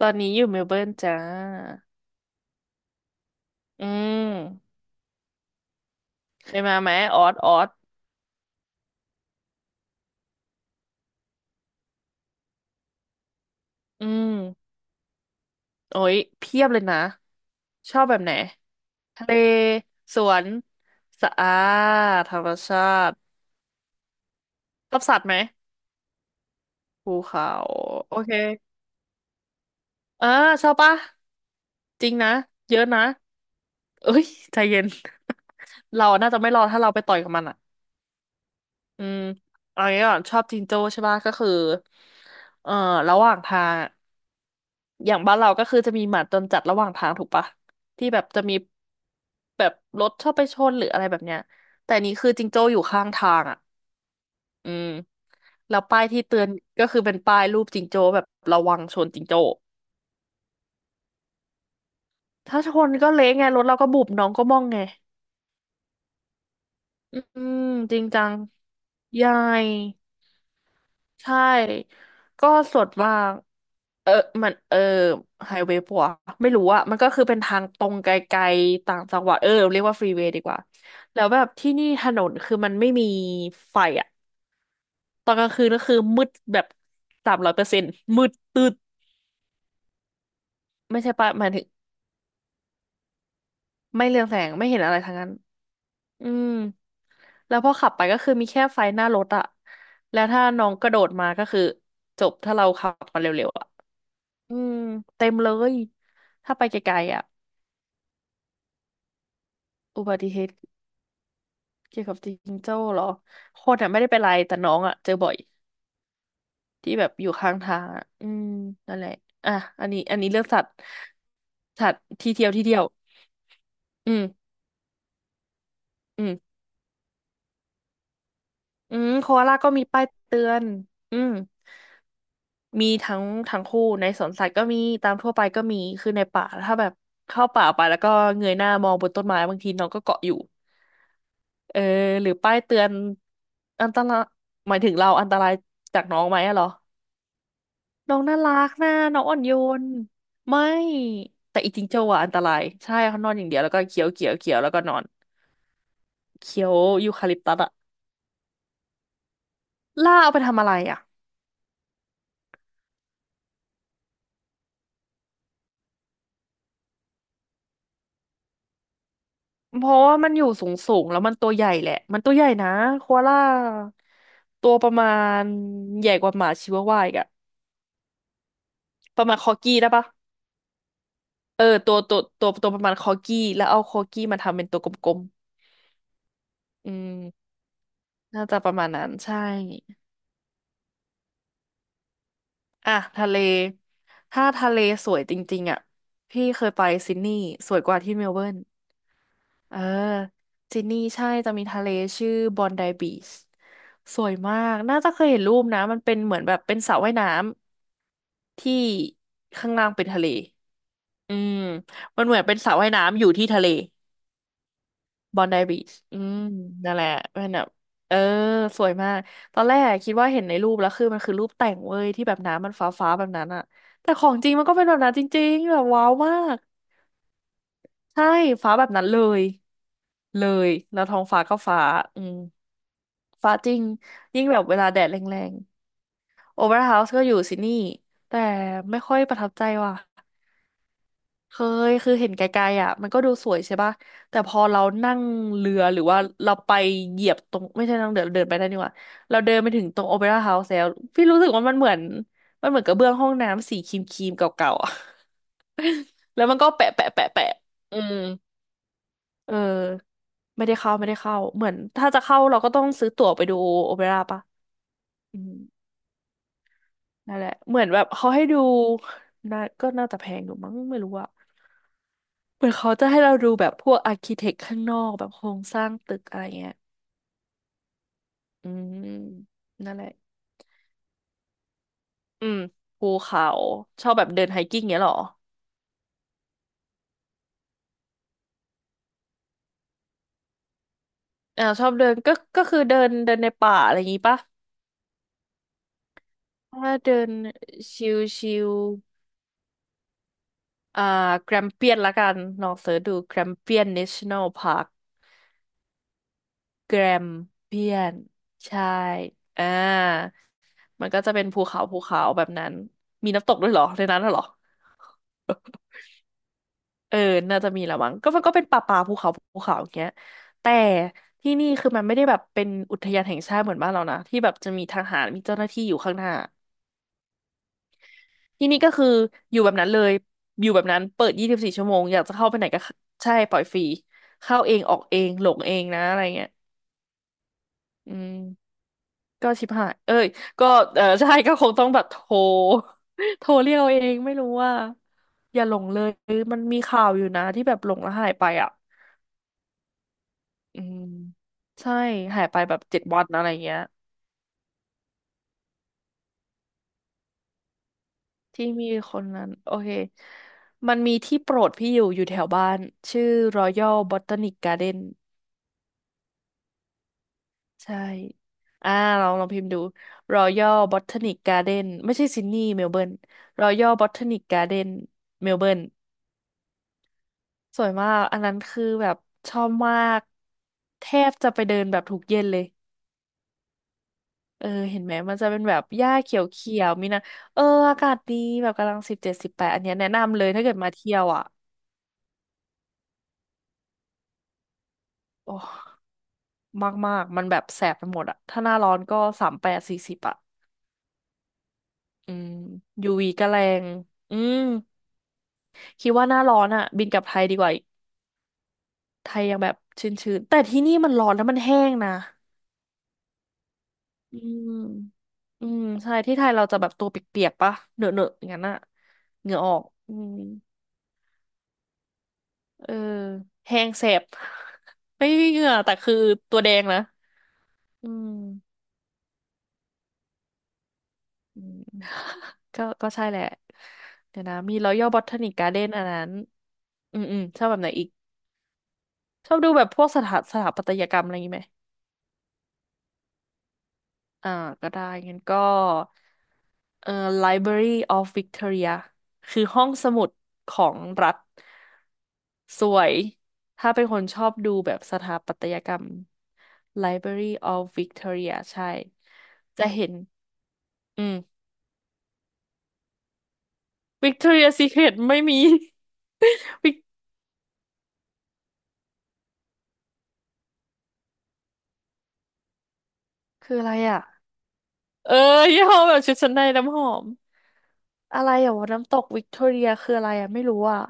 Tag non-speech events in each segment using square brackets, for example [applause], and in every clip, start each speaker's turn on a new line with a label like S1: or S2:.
S1: ตอนนี้อยู่เมลเบิร์นจ้าอืมเคยมาไหมออสออสอืมโอ้ยเพียบเลยนะชอบแบบไหนทะเลสวนสะอาดธรรมชาติชอบสัตว์ไหมภูเขาโอเคเออชอบปะจริงนะเยอะนะเอ้ยใจเย็น [laughs] เราน่าจะไม่รอดถ้าเราไปต่อยกับมันอ่ะอืมเอางี้ก่อนชอบจิงโจ้ใช่ปะก็คือเอ่อระหว่างทางอะ อย่างบ้านเราก็คือจะมีหมาจรจัดระหว่างทางถูกปะที่แบบจะมีแบบรถชอบไปชนหรืออะไรแบบเนี้ยแต่อันนี้คือจิงโจ้อยู่ข้างทางอ่ะอืมแล้วป้ายที่เตือนก็คือเป็นป้ายรูปจิงโจ้แบบระวังชนจิงโจ้ถ้าชนก็เละไงรถเราก็บุบน้องก็ม่องไงอืมจริงจังใหญ่ ใช่ ก็สดมากเออมันเออไฮเวย์ปะวะไม่รู้อะมันก็คือเป็นทางตรงไกลๆต่างจังหวัดเออเรียกว่าฟรีเวย์ดีกว่าแล้วแบบที่นี่ถนนคือมันไม่มีไฟอะ ตอนกลางคืนก็คือมืดแบบ300%มืดตืดไม่ใช่ปะหมายถึงไม่เรืองแสงไม่เห็นอะไรทั้งนั้น อืมแล้วพอขับไปก็คือมีแค่ไฟหน้ารถอะแล้วถ้าน้องกระโดดมาก็คือจบถ้าเราขับมาเร็วๆอะ อืมเต็มเลยถ้าไปไกลๆอ่ะอุบัติเหตุเกี่ยวกับจิงโจ้เหรอคนอ่ะไม่ได้เป็นไรแต่น้องอ่ะเจอบ่อยที่แบบอยู่ข้างทางอ่ะอืมนั่นแหละอ่ะอันนี้เรื่องสัตว์สัตว์ที่เที่ยวอืมอืมอืมโคอาล่าก็มีป้ายเตือนอืมมีทั้งทั้งคู่ในสวนสัตว์ก็มีตามทั่วไปก็มีคือในป่าถ้าแบบเข้าป่าไปแล้วก็เงยหน้ามองบนต้นไม้บางทีน้องก็เกาะอยู่ เออหรือป้ายเตือนอันตรายหมายถึงเราอันตรายจากน้องไหมอะเหรอ น้องน่ารักนะน้องอ่อนโยนไม่แต่อีจิงโจ้อะอันตรายใช่เขานอนอย่างเดียวแล้วก็เคี้ยวเคี้ยวเคี้ยวแล้วก็นอนเคี้ยวยูคาลิปตัสอะล่าเอาไปทำอะไรอะเพราะว่ามันอยู่สูงสูงแล้วมันตัวใหญ่แหละมันตัวใหญ่นะโคอาล่าตัวประมาณใหญ่กว่าหมาชิวาวาอีกอะประมาณคอกี้ได้ปะเออตัวประมาณคอกี้แล้วเอาคอกี้มาทำเป็นตัวกลมๆอืม น่าจะประมาณนั้นใช่อ่ะทะเล ถ้าทะเลสวยจริงๆอ่ะพี่เคยไปซิดนีย์สวยกว่าที่เมลเบิร์นเออซิดนีย์ใช่จะมีทะเลชื่อบอนไดบีชสวยมากน่าจะเคยเห็นรูปนะมันเป็นเหมือนแบบเป็นสระว่ายน้ำที่ข้างล่างเป็นทะเลอืม มันเหมือนเป็นสระว่ายน้ำอยู่ที่ทะเล บอนไดบีชอืม นั่นแหละมันแบบเออ สวยมาก ตอนแรกคิดว่าเห็นในรูปแล้วคือมันคือรูปแต่งเว้ยที่แบบน้ำมันฟ้าฟ้าแบบนั้นอะแต่ของจริงมันก็เป็นแบบนั้นจริงๆแบบว้าวมาก ใช่ ฟ้าแบบนั้นเลย เลย แล้วท้องฟ้าก็ฟ้า อืม ฟ้าจริง ยิ่งแบบเวลาแดดแรงๆโอเวอร์เฮาส์ก็อยู่ซิดนีย์แต่ไม่ค่อยประทับใจว่ะ เคยคือเห็นไกลๆอ่ะมันก็ดูสวยใช่ป่ะแต่พอเรานั่งเรือหรือว่าเราไปเหยียบตรงไม่ใช่นั่งเดินเดินไปได้นดี่หว่าเราเดินไปถึงตรงโอเปร่าเฮาส์แล้วพี่รู้สึกว่ามันเหมือนกระเบื้องห้องน้ำสีครีมๆเก่าๆอ่ะ [laughs] แล้วมันก็แปะแปะแปะแปะอืมเออไม่ได้เข้าเหมือนถ้าจะเข้าเราก็ต้องซื้อตั๋วไปดูโอเปร่าป่ะอืม นั่นแหละเหมือนแบบเขาให้ดูน่าก็น่าจะแพงอยู่มั้งไม่รู้อะเหมือนเขาจะให้เราดูแบบพวกอาร์คิเทคข้างนอกแบบโครงสร้างตึกอะไรเงี้ยอืม นั่นแหละอืมภูเขาชอบแบบเดินไฮกิ้งเงี้ยเหรออ่าชอบเดินก็คือเดินเดินในป่าอะไรอย่างงี้ปะถ้าเดินชิลๆอ่าแกรมเปียนละกันลองเสิร์ชดูแกรมเปียน National Park แกรมเปียนใช่อ่ามันก็จะเป็นภูเขาภูเขาแบบนั้นมีน้ำตกด้วยเหรอในนั้นน่ะเหรอเออน่าจะมีละมั้งมันก็เป็นป่าป่าภูเขาภูเขาอย่างเงี้ยแต่ที่นี่คือมันไม่ได้แบบเป็นอุทยานแห่งชาติเหมือนบ้านเรานะที่แบบจะมีทหารมีเจ้าหน้าที่อยู่ข้างหน้าที่นี่ก็คืออยู่แบบนั้นเลยอยู่แบบนั้นเปิด24 ชั่วโมงอยากจะเข้าไปไหนก็เข้าใช่ปล่อยฟรีเข้าเองออกเองหลงเองนะอะไรเงี้ยอืม ก็ชิบหาย เอ้ยก็เออ [laughs] ใช่ ก็คงต้องแบบโทร [laughs] โทรเรียกเอาเอง ไม่รู้ว่า อย่าหลงเลย มันมีข่าวอยู่นะที่แบบหลงแล้วหายไปอ่ะอืมใช่ หายไปแบบ7 วันอะไรเงี้ย ที่มีคนนั้น โอเค มันมีที่โปรดพี่อยู่ อยู่แถวบ้าน ชื่อ Royal Botanic Garden ใช่ อ่าลองพิมพ์ดู Royal Botanic Garden ไม่ใช่ซิดนีย์เมลเบิร์น Royal Botanic Garden เมลเบิร์น สวยมาก อันนั้นคือแบบชอบมากแทบจะไปเดินแบบทุกเย็นเลย เออ เห็นไหม มันจะเป็นแบบหญ้าเขียวเขียวมีนะเออ อากาศดีแบบกำลัง17 18อันเนี้ยแนะนำเลยถ้าเกิดมาเที่ยวอ่ะ โอ้ มากมากมันแบบแสบไปหมดอ่ะ ถ้าหน้าร้อนก็38 40อ่ะอืมยูวีก็แรง อืม คิดว่าหน้าร้อนอ่ะบินกลับไทยดีกว่าอีกไทยยังแบบชื้นๆแต่ที่นี่มันร้อนแล้วมันแห้งนะ อืมอืมใช่ที่ไทยเราจะแบบตัวเปียกๆปะเหนอะๆอย่างนั้นอะเหงื่อออก อืมเออแห้งแสบ [laughs] ไม่มีเหงื่อแต่คือตัวแดงนะ อืมอืม [laughs] ก็ใช่แหละเดี๋ยวนะมี Royal Botanic Garden อันนั้น อืมอืมชอบแบบไหนอีกชอบดูแบบพวกสถาปัตยกรรมอะไรอย่างงี้ไหม อ่าก็ได้งั้นก็เอ่อ Library of Victoria คือห้องสมุดของรัฐสวยถ้าเป็นคนชอบดูแบบสถาปัตยกรรม Library of Victoria ใช่จะเห็นอืม Victoria Secret ไม่มี [laughs] วิกคืออะไรอ่ะเออยี่ห้อแบบชุดชั้นในน้ำหอมอะไรอ่ะวะน้ำตกวิกตอเรียคืออะไรอ่ะไม่รู้อ่ะ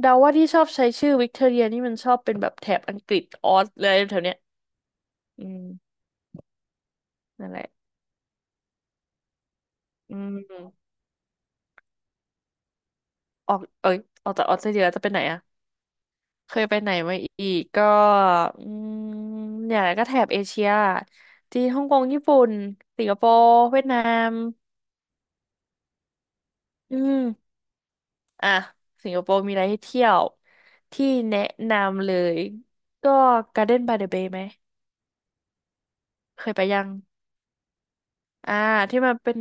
S1: เดาว่าที่ชอบใช้ชื่อวิกตอเรียนี่มันชอบเป็นแบบแถบอังกฤษออสเลยแถวเนี้ยอืมนั่นแหละอืมออกเอ้ยออกจากออสเตรเลียแล้วจะไปไหนอ่ะเคยไปไหนมาอีกก็อืมเนี่ยแหละก็แถบเอเชียที่ฮ่องกงญี่ปุ่นสิงคโปร์เวียดนามอืมอ่ะสิงคโปร์มีอะไรให้เที่ยวที่แนะนำเลยก็ Garden by the Bay ไหมเคยไปยังอ่าที่มันเป็น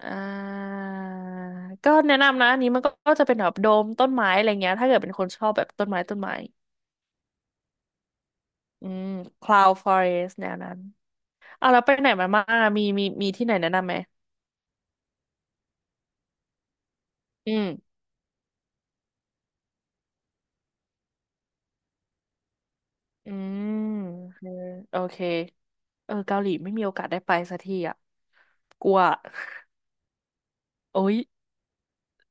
S1: อ่าก็แนะนำนะอันนี้มันก็จะเป็นแบบโดมต้นไม้อะไรเงี้ยถ้าเกิดเป็นคนชอบแบบต้นไม้ต้นไม้อืม cloud forest แนวนั้นอ่ะแล้วไปไหนมาบ้างอะมีที่ไหนแนะนำไหมอืมอืมเออโอเคเออเกาหลีไม่มีโอกาสได้ไปสักทีอ่ะกลัว [laughs] โอ้ย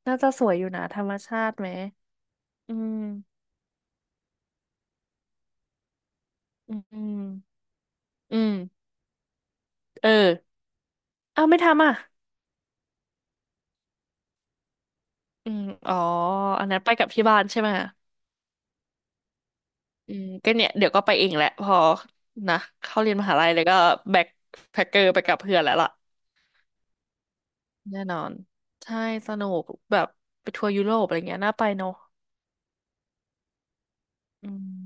S1: น่าจะสวยอยู่นะธรรมชาติไหมอืมอืมอืมเอออ้าวไม่ทำอ่ะอืมอ๋ออันนั้นไปกับที่บ้านใช่ไหม อืมก็เนี่ยเดี๋ยวก็ไปเองแหละพอนะเข้าเรียนมหาลัยแล้วก็แบ็คแพ็คเกอร์ไปกับเพื่อนแล้วล่ะแน่นอนใช่สนุกแบบไปทัวร์ยุโรปอะไรเงี้ยน่าไปเนาะอืม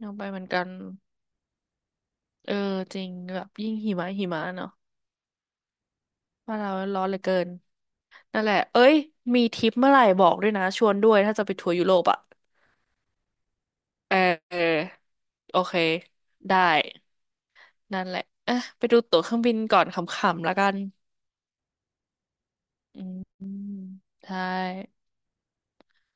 S1: น่าไปเหมือนกันเออจริงแบบยิ่งหิมะหิมะเนาะว่านเราร้อนเหลือเกินนั่นแหละเอ้ยมีทริปเมื่อไหร่บอกด้วยนะชวนด้วยถ้าจะไปทัวร์ยุโรปอ่ะเออเออโอเคได้นั่นแหละอ่ะไปดูตั๋วเครื่องบินก่อนขำๆแล้วกันอืมใช่